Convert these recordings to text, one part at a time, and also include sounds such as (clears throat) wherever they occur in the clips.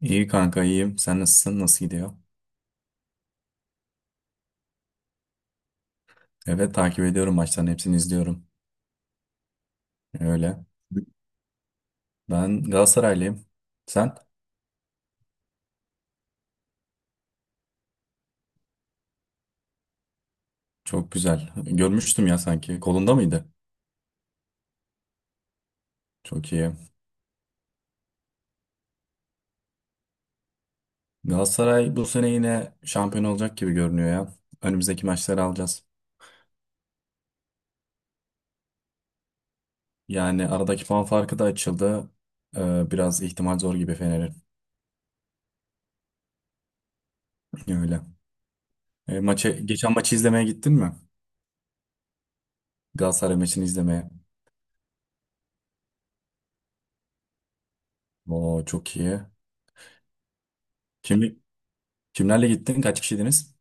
İyi kanka iyiyim. Sen nasılsın? Nasıl gidiyor? Evet takip ediyorum, maçların hepsini izliyorum. Öyle. Ben Galatasaraylıyım. Sen? Çok güzel. Görmüştüm ya sanki. Kolunda mıydı? Çok iyi. Galatasaray bu sene yine şampiyon olacak gibi görünüyor ya. Önümüzdeki maçları alacağız. Yani aradaki puan farkı da açıldı. Biraz ihtimal zor gibi Fener'in. (laughs) Öyle. Geçen maçı izlemeye gittin mi? Galatasaray maçını izlemeye. Oo, çok iyi. Kim, Kimlerle gittin? Kaç kişiydiniz?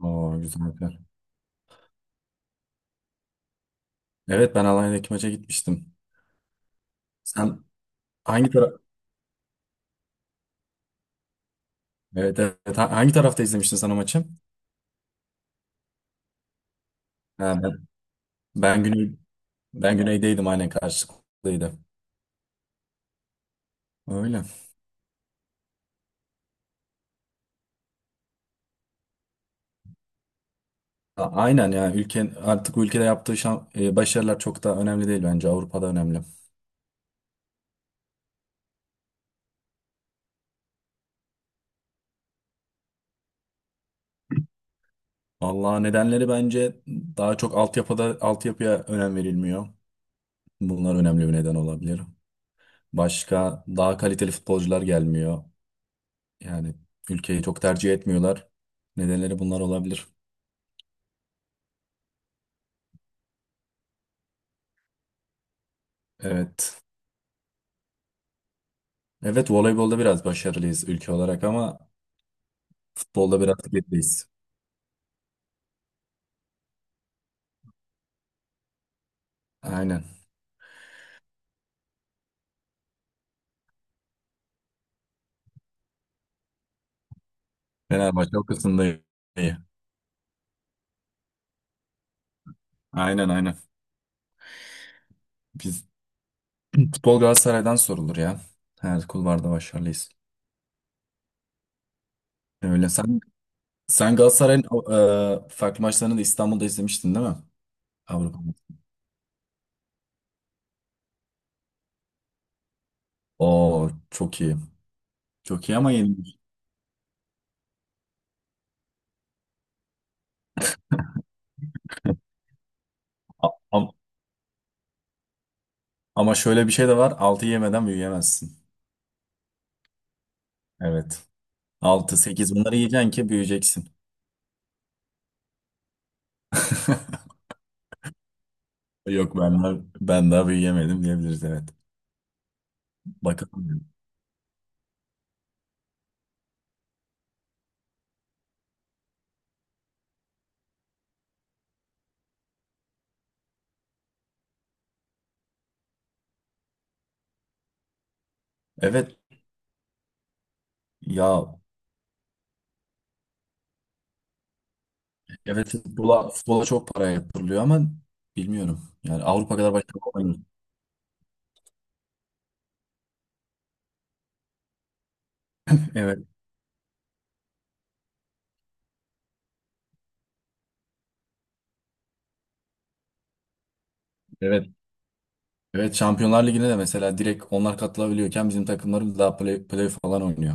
Oo, güzel, güzel. Evet, ben Alanya'daki maça gitmiştim. Sen hangi taraf? Evet, evet. Hangi tarafta izlemiştin sen o maçı? Ha, ben, ben ben güneydeydim, aynen, karşılıklıydı. Öyle. Aynen, yani ülke, artık bu ülkede yaptığı başarılar çok da önemli değil, bence Avrupa'da önemli. Vallahi nedenleri, bence daha çok altyapıya önem verilmiyor. Bunlar önemli bir neden olabilir. Başka daha kaliteli futbolcular gelmiyor. Yani ülkeyi çok tercih etmiyorlar. Nedenleri bunlar olabilir. Evet. Evet, voleybolda biraz başarılıyız ülke olarak, ama futbolda biraz gerideyiz. Aynen. Fenerbahçe o kısımda iyi. Aynen, aynen. Biz futbol Galatasaray'dan sorulur ya. Her kulvarda başarılıyız. Öyle. Sen Galatasaray'ın farklı maçlarını da İstanbul'da izlemiştin değil mi? Avrupa. Oo, çok iyi. Çok iyi, ama yenilmiş. A- am- Ama şöyle bir şey de var: 6 yemeden büyüyemezsin. Evet. Altı, sekiz, bunları yiyeceksin ki büyüyeceksin. (laughs) Yok ben daha, ben daha büyüyemedim diyebiliriz, evet. Bakalım. Evet ya, evet, futbola çok para yatırılıyor ama bilmiyorum. Yani Avrupa kadar başarılı olamıyoruz. (laughs) Evet, evet. Evet, Şampiyonlar Ligi'ne de mesela direkt onlar katılabiliyorken, bizim takımlarımız daha play falan oynuyor.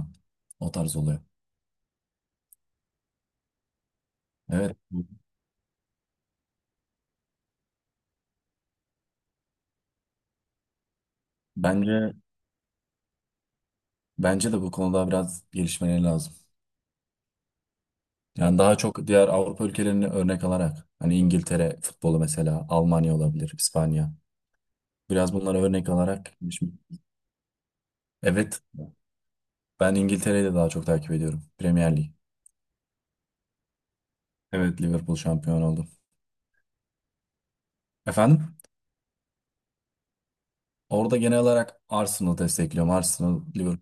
O tarz oluyor. Evet, bence bence de bu konuda biraz gelişmeleri lazım. Yani daha çok diğer Avrupa ülkelerini örnek alarak, hani İngiltere futbolu, mesela Almanya olabilir, İspanya. Biraz bunları örnek alarak. Evet, ben İngiltere'yi de daha çok takip ediyorum. Premier Lig. Evet, Liverpool şampiyon oldu. Efendim? Orada genel olarak Arsenal destekliyorum. Arsenal, Liverpool.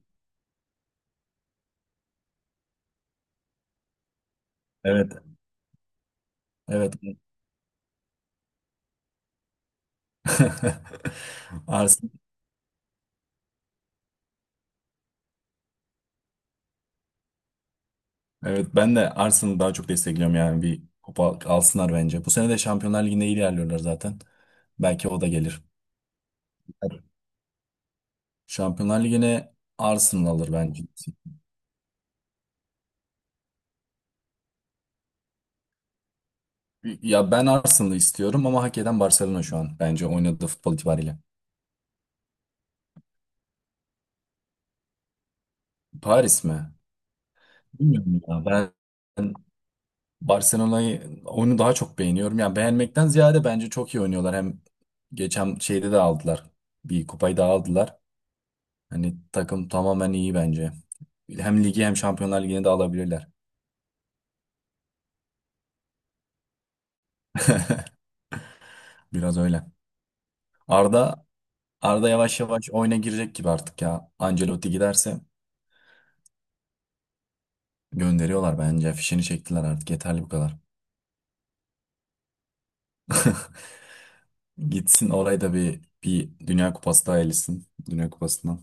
Evet. Evet. (laughs) Arsenal. Evet, ben de Arsenal'ı daha çok destekliyorum, yani bir kupa alsınlar bence. Bu sene de Şampiyonlar Ligi'nde iyi ilerliyorlar zaten. Belki o da gelir. Şampiyonlar Ligi'ne Arsenal alır bence. Ya ben Arsenal'ı istiyorum, ama hak eden Barcelona şu an, bence oynadığı futbol itibariyle. Paris mi? Bilmiyorum ya. Ben Barcelona'yı, oyunu daha çok beğeniyorum. Yani beğenmekten ziyade bence çok iyi oynuyorlar. Hem geçen şeyde de aldılar. Bir kupayı da aldılar. Hani takım tamamen iyi bence. Hem ligi hem Şampiyonlar Ligi'ni de alabilirler. (laughs) Biraz öyle. Arda Arda yavaş yavaş oyuna girecek gibi artık ya. Ancelotti giderse gönderiyorlar bence. Fişini çektiler, artık yeterli bu kadar. Gitsin, orayı da bir bir Dünya Kupası daha elitsin. Dünya Kupası'ndan.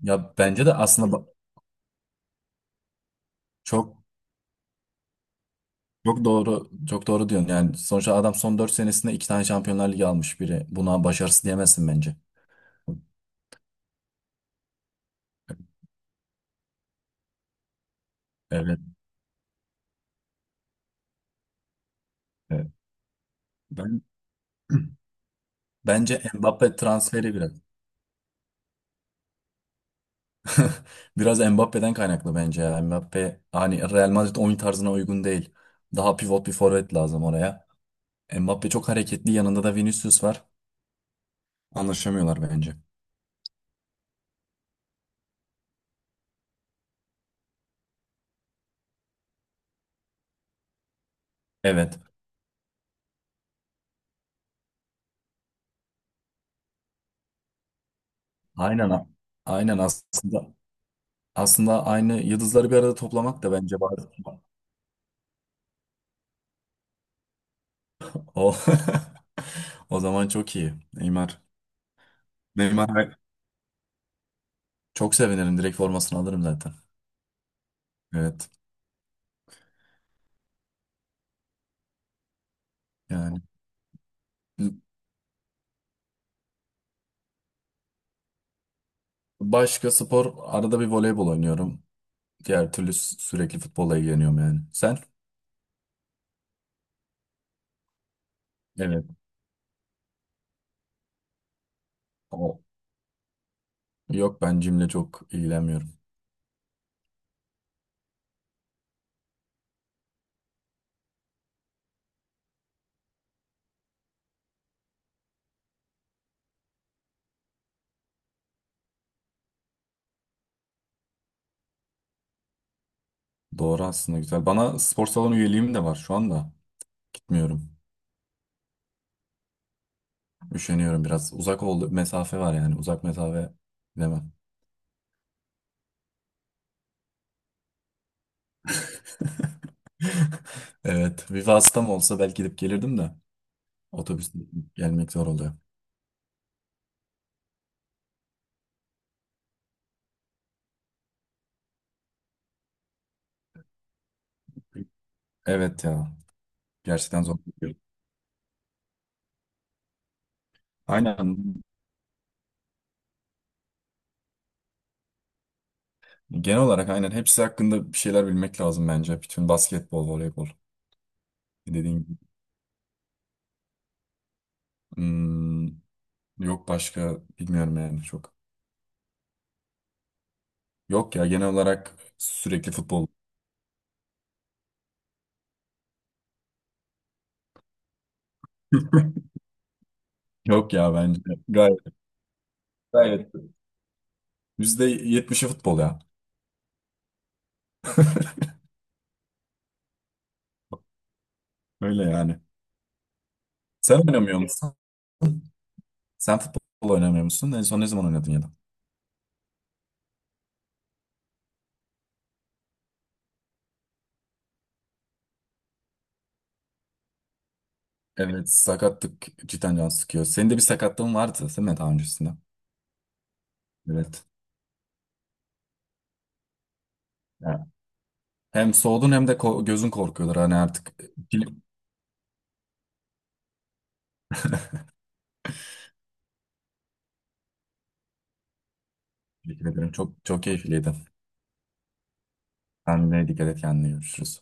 Ya bence de aslında ba- çok Çok doğru, çok doğru diyorsun. Yani sonuçta adam son 4 senesinde 2 tane Şampiyonlar Ligi almış biri. Buna başarısı diyemezsin bence. Evet, evet. Ben (clears throat) bence Mbappe transferi biraz. (laughs) Biraz Mbappe'den kaynaklı bence ya. Mbappe hani Real Madrid oyun tarzına uygun değil. Daha pivot bir forvet lazım oraya. Mbappe çok hareketli. Yanında da Vinicius var. Anlaşamıyorlar bence. Evet. Aynen. Aynen aslında. Aslında aynı yıldızları bir arada toplamak da bence bazı. O. (laughs) O zaman çok iyi. Neymar. Neymar, evet. Çok sevinirim. Direkt formasını alırım zaten. Evet. Yani başka spor, arada bir voleybol oynuyorum. Diğer türlü sürekli futbolla ilgileniyorum yani. Sen? Evet. O. Yok, ben jimle çok ilgilenmiyorum. Doğru aslında, güzel. Bana spor salonu üyeliğim de var şu anda. Gitmiyorum. Üşeniyorum biraz. Uzak oldu. Mesafe var yani. Uzak mesafe demem. (laughs) Evet. Viva hastam olsa belki gidip gelirdim de. Otobüsle gelmek zor oluyor. Evet ya. Gerçekten zor. Aynen. Genel olarak aynen. Hepsi hakkında bir şeyler bilmek lazım bence. Bütün basketbol, voleybol. Dediğin gibi. Hmm, Yok, başka bilmiyorum yani çok. Yok ya, genel olarak sürekli futbol. Yok ya, bence. Gayet. Gayet. %70'i futbol ya. (laughs) Öyle yani. Sen oynamıyor musun? Sen futbol oynamıyor musun? En son ne zaman oynadın ya da? Evet, sakatlık cidden can sıkıyor. Senin de bir sakatlığın vardı değil mi daha öncesinde? Evet. Hem soğudun hem de gözün korkuyorlar. Hani artık film. Teşekkür ederim. Çok çok keyifliydi. Sen de dikkat et kendine, görüşürüz.